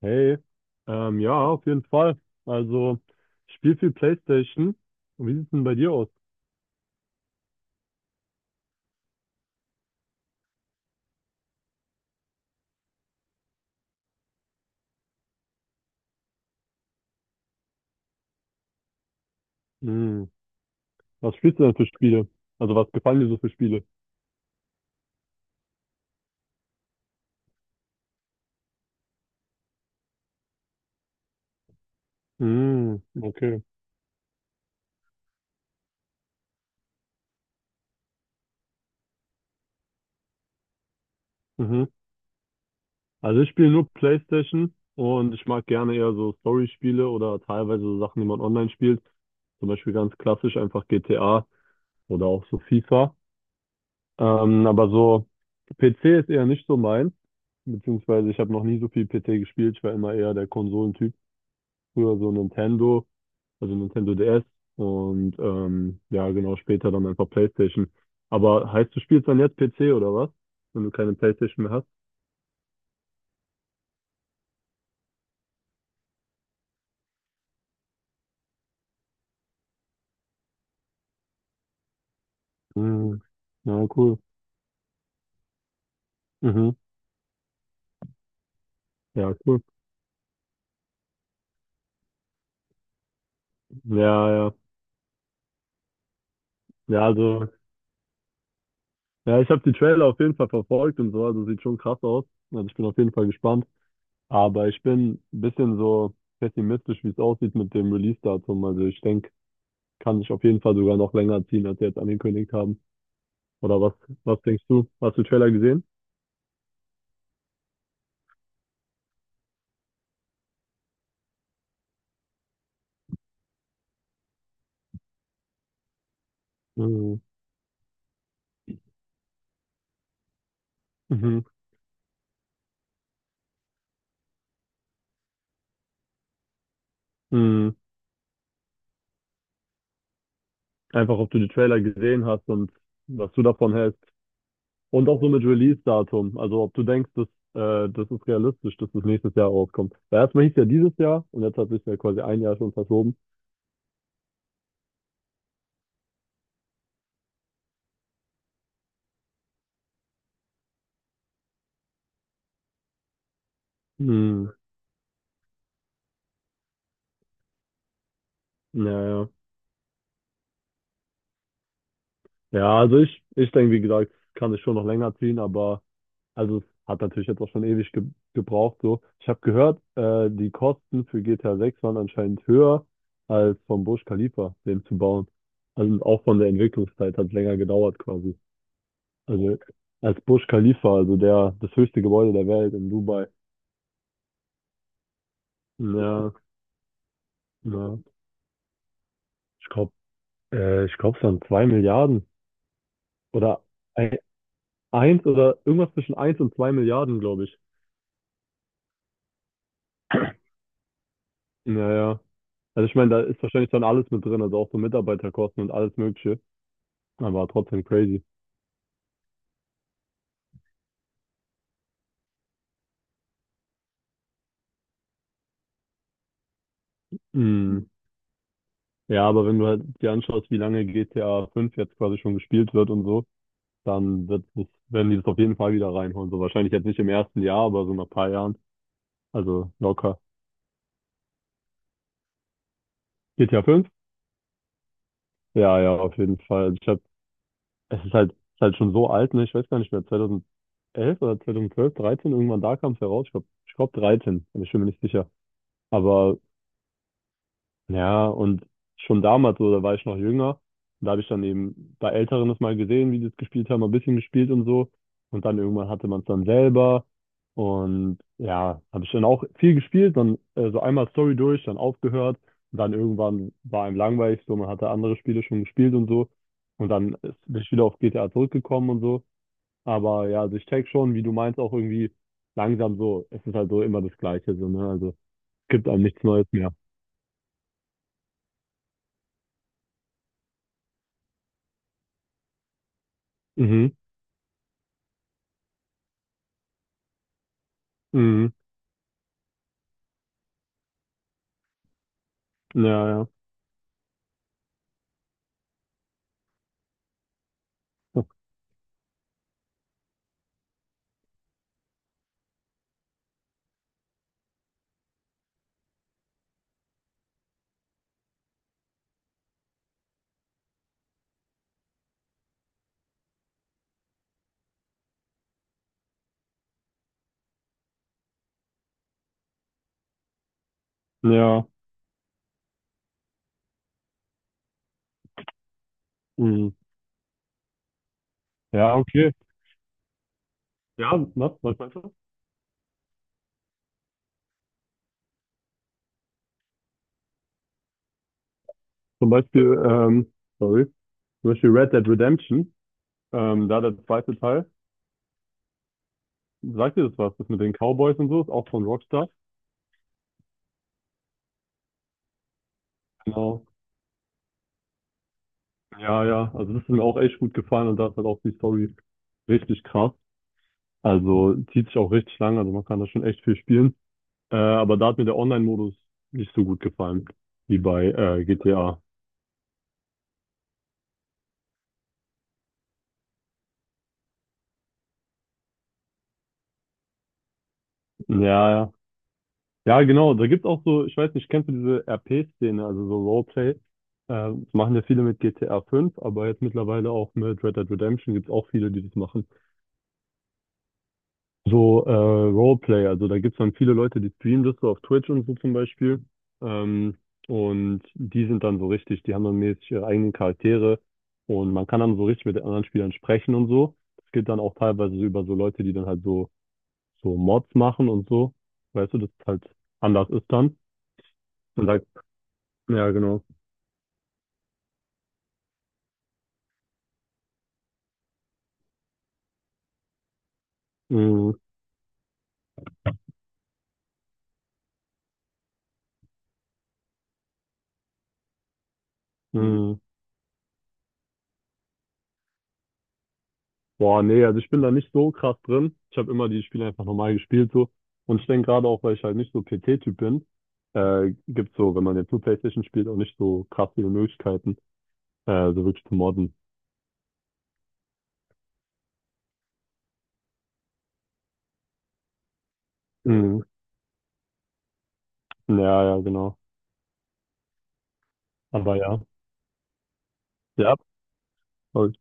Hey, ja, auf jeden Fall. Also, ich spiele viel PlayStation. Und wie sieht's denn bei dir aus? Hm, was spielst du denn für Spiele? Also, was gefallen dir so für Spiele? Hm, okay. Mhm. Also, ich spiele nur PlayStation und ich mag gerne eher so Story-Spiele oder teilweise so Sachen, die man online spielt. Zum Beispiel ganz klassisch einfach GTA oder auch so FIFA. Aber so PC ist eher nicht so meins. Beziehungsweise, ich habe noch nie so viel PC gespielt. Ich war immer eher der Konsolentyp. Früher so Nintendo, also Nintendo DS und ja, genau, später dann einfach PlayStation. Aber heißt, du spielst dann jetzt PC oder was? Wenn du keine PlayStation mehr hast? Mhm. Ja, cool. Mhm. Ja, cool. Ja, ja. Ja, also, ja, ich habe die Trailer auf jeden Fall verfolgt und so, also sieht schon krass aus. Also ich bin auf jeden Fall gespannt. Aber ich bin ein bisschen so pessimistisch, wie es aussieht mit dem Release-Datum. Also ich denke, kann sich auf jeden Fall sogar noch länger ziehen, als sie jetzt angekündigt haben. Oder was denkst du? Hast du den Trailer gesehen? Mhm. Mhm. Mhm. Einfach, ob du die Trailer gesehen hast und was du davon hältst. Und auch so mit Release-Datum. Also, ob du denkst, dass, das ist realistisch, dass das nächstes Jahr rauskommt. Weil erstmal hieß ja dieses Jahr und jetzt hat sich ja quasi ein Jahr schon verschoben. Mhm. Ja, ja. Ja, also ich denke, wie gesagt, kann es schon noch länger ziehen, aber also es hat natürlich jetzt auch schon ewig ge gebraucht. So. Ich habe gehört, die Kosten für GTA 6 waren anscheinend höher als vom Burj Khalifa, den zu bauen. Also auch von der Entwicklungszeit hat es länger gedauert quasi. Also als Burj Khalifa, also der, das höchste Gebäude der Welt in Dubai. Ja, ja. Ich glaube, ich glaube, es waren zwei Milliarden oder ein, eins oder irgendwas zwischen eins und zwei Milliarden, glaube ich. Naja, also ich meine, da ist wahrscheinlich dann alles mit drin, also auch so Mitarbeiterkosten und alles Mögliche. Aber trotzdem crazy. Mhm. Ja, aber wenn du halt dir anschaust, wie lange GTA 5 jetzt quasi schon gespielt wird und so, dann wird das, werden die das auf jeden Fall wieder reinholen. So wahrscheinlich jetzt nicht im ersten Jahr, aber so nach ein paar Jahren. Also locker. GTA 5? Ja, ja, auf jeden Fall. Also ich habe, es ist halt schon so alt, ne? Ich weiß gar nicht mehr, 2011 oder 2012, 13, irgendwann da kam es heraus. Ich glaube, ich glaub 13, aber ich bin mir nicht sicher. Aber ja, und schon damals, so, da war ich noch jünger. Und da habe ich dann eben bei Älteren das mal gesehen, wie die es gespielt haben, ein bisschen gespielt und so. Und dann irgendwann hatte man es dann selber. Und ja, habe ich dann auch viel gespielt, dann so einmal Story durch, dann aufgehört. Und dann irgendwann war einem langweilig, so man hatte andere Spiele schon gespielt und so. Und dann ist, bin ich wieder auf GTA zurückgekommen und so. Aber ja, also ich check schon, wie du meinst, auch irgendwie langsam so. Es ist halt so immer das Gleiche, so, ne? Also es gibt einem nichts Neues mehr. Mhm. Mhm. Ja, ja. Ja. Mhm. Ja, okay. Ja, was meinst du? Zum Beispiel, sorry, zum Beispiel Red Dead Redemption, da der zweite Teil. Sagt dir das was? Das mit den Cowboys und so, ist auch von Rockstar. Genau. Ja, ja. Also das ist mir auch echt gut gefallen und da ist halt auch die Story richtig krass. Also zieht sich auch richtig lang, also man kann da schon echt viel spielen. Aber da hat mir der Online-Modus nicht so gut gefallen wie bei GTA. Ja, ja. Ja, genau. Da gibt es auch so, ich weiß nicht, kennst du diese RP-Szene, also so Roleplay? Das machen ja viele mit GTA 5, aber jetzt mittlerweile auch mit Red Dead Redemption gibt es auch viele, die das machen. So Roleplay, also da gibt es dann viele Leute, die streamen das so auf Twitch und so zum Beispiel. Ähm, und die sind dann so richtig, die haben dann mäßig ihre eigenen Charaktere und man kann dann so richtig mit den anderen Spielern sprechen und so. Das geht dann auch teilweise so über so Leute, die dann halt so Mods machen und so. Weißt du, das ist halt anders ist dann. Und da ja, genau. Mhm. Mhm. Boah, nee, also ich bin da nicht so krass drin. Ich habe immer die Spiele einfach normal gespielt so. Und ich denke gerade auch, weil ich halt nicht so PC-Typ bin, gibt's so, wenn man jetzt nur PlayStation spielt, auch nicht so krass viele Möglichkeiten, so wirklich zu modden. Mhm. Ja, ja, genau. Aber ja. Ja, voll.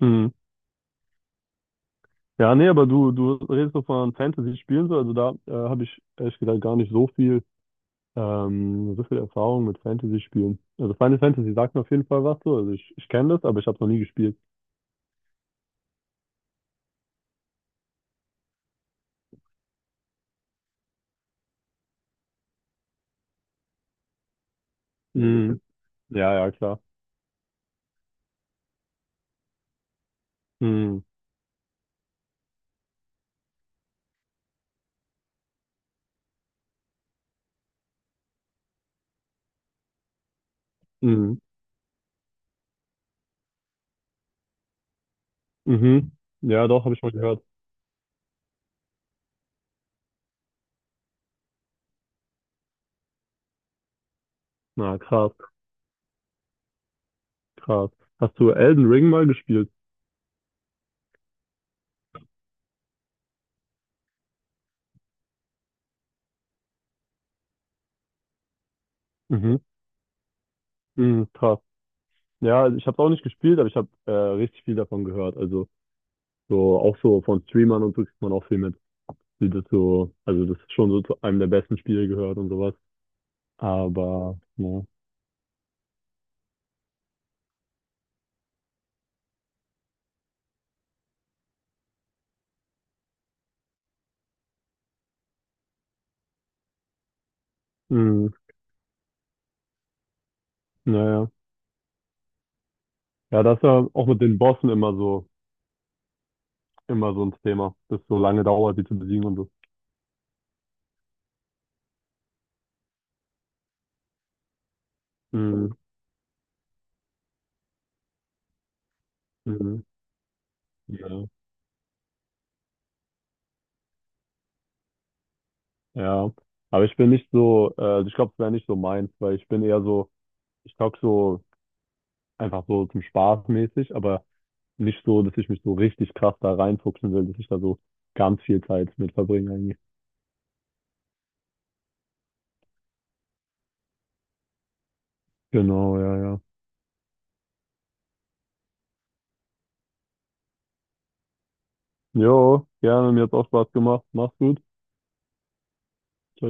Mhm. Ja, nee, aber du redest so von Fantasy-Spielen so, also da habe ich ehrlich gesagt gar nicht so viel Erfahrung mit Fantasy-Spielen. Also Final Fantasy sagt mir auf jeden Fall was so. Also ich kenne das, aber ich habe es noch nie gespielt. Mhm. Ja, ja, klar. Mhm. Mhm. Mhm. Ja, doch, habe ich mal gehört. Na, krass, krass. Hast du Elden Ring mal gespielt? Mhm. Mhm, krass. Ja, also ich habe es auch nicht gespielt, aber ich habe richtig viel davon gehört. Also so auch so von Streamern und so kriegt man auch viel mit, wie das so, also das ist schon so zu einem der besten Spiele gehört und sowas. Aber ja. Mhm. Naja. Ja, das ist ja auch mit den Bossen immer so ein Thema, dass so lange dauert, die zu besiegen und so. Mhm, mhm, ja, ja. Aber ich bin nicht so, ich glaube, es wäre nicht so meins, weil ich bin eher so, ich zocke so einfach so zum Spaß mäßig, aber nicht so, dass ich mich so richtig krass da reinfuchsen will, dass ich da so ganz viel Zeit mit verbringe eigentlich. Genau, ja, ja. Jo, gerne, mir hat's auch Spaß gemacht. Mach's gut. Ciao.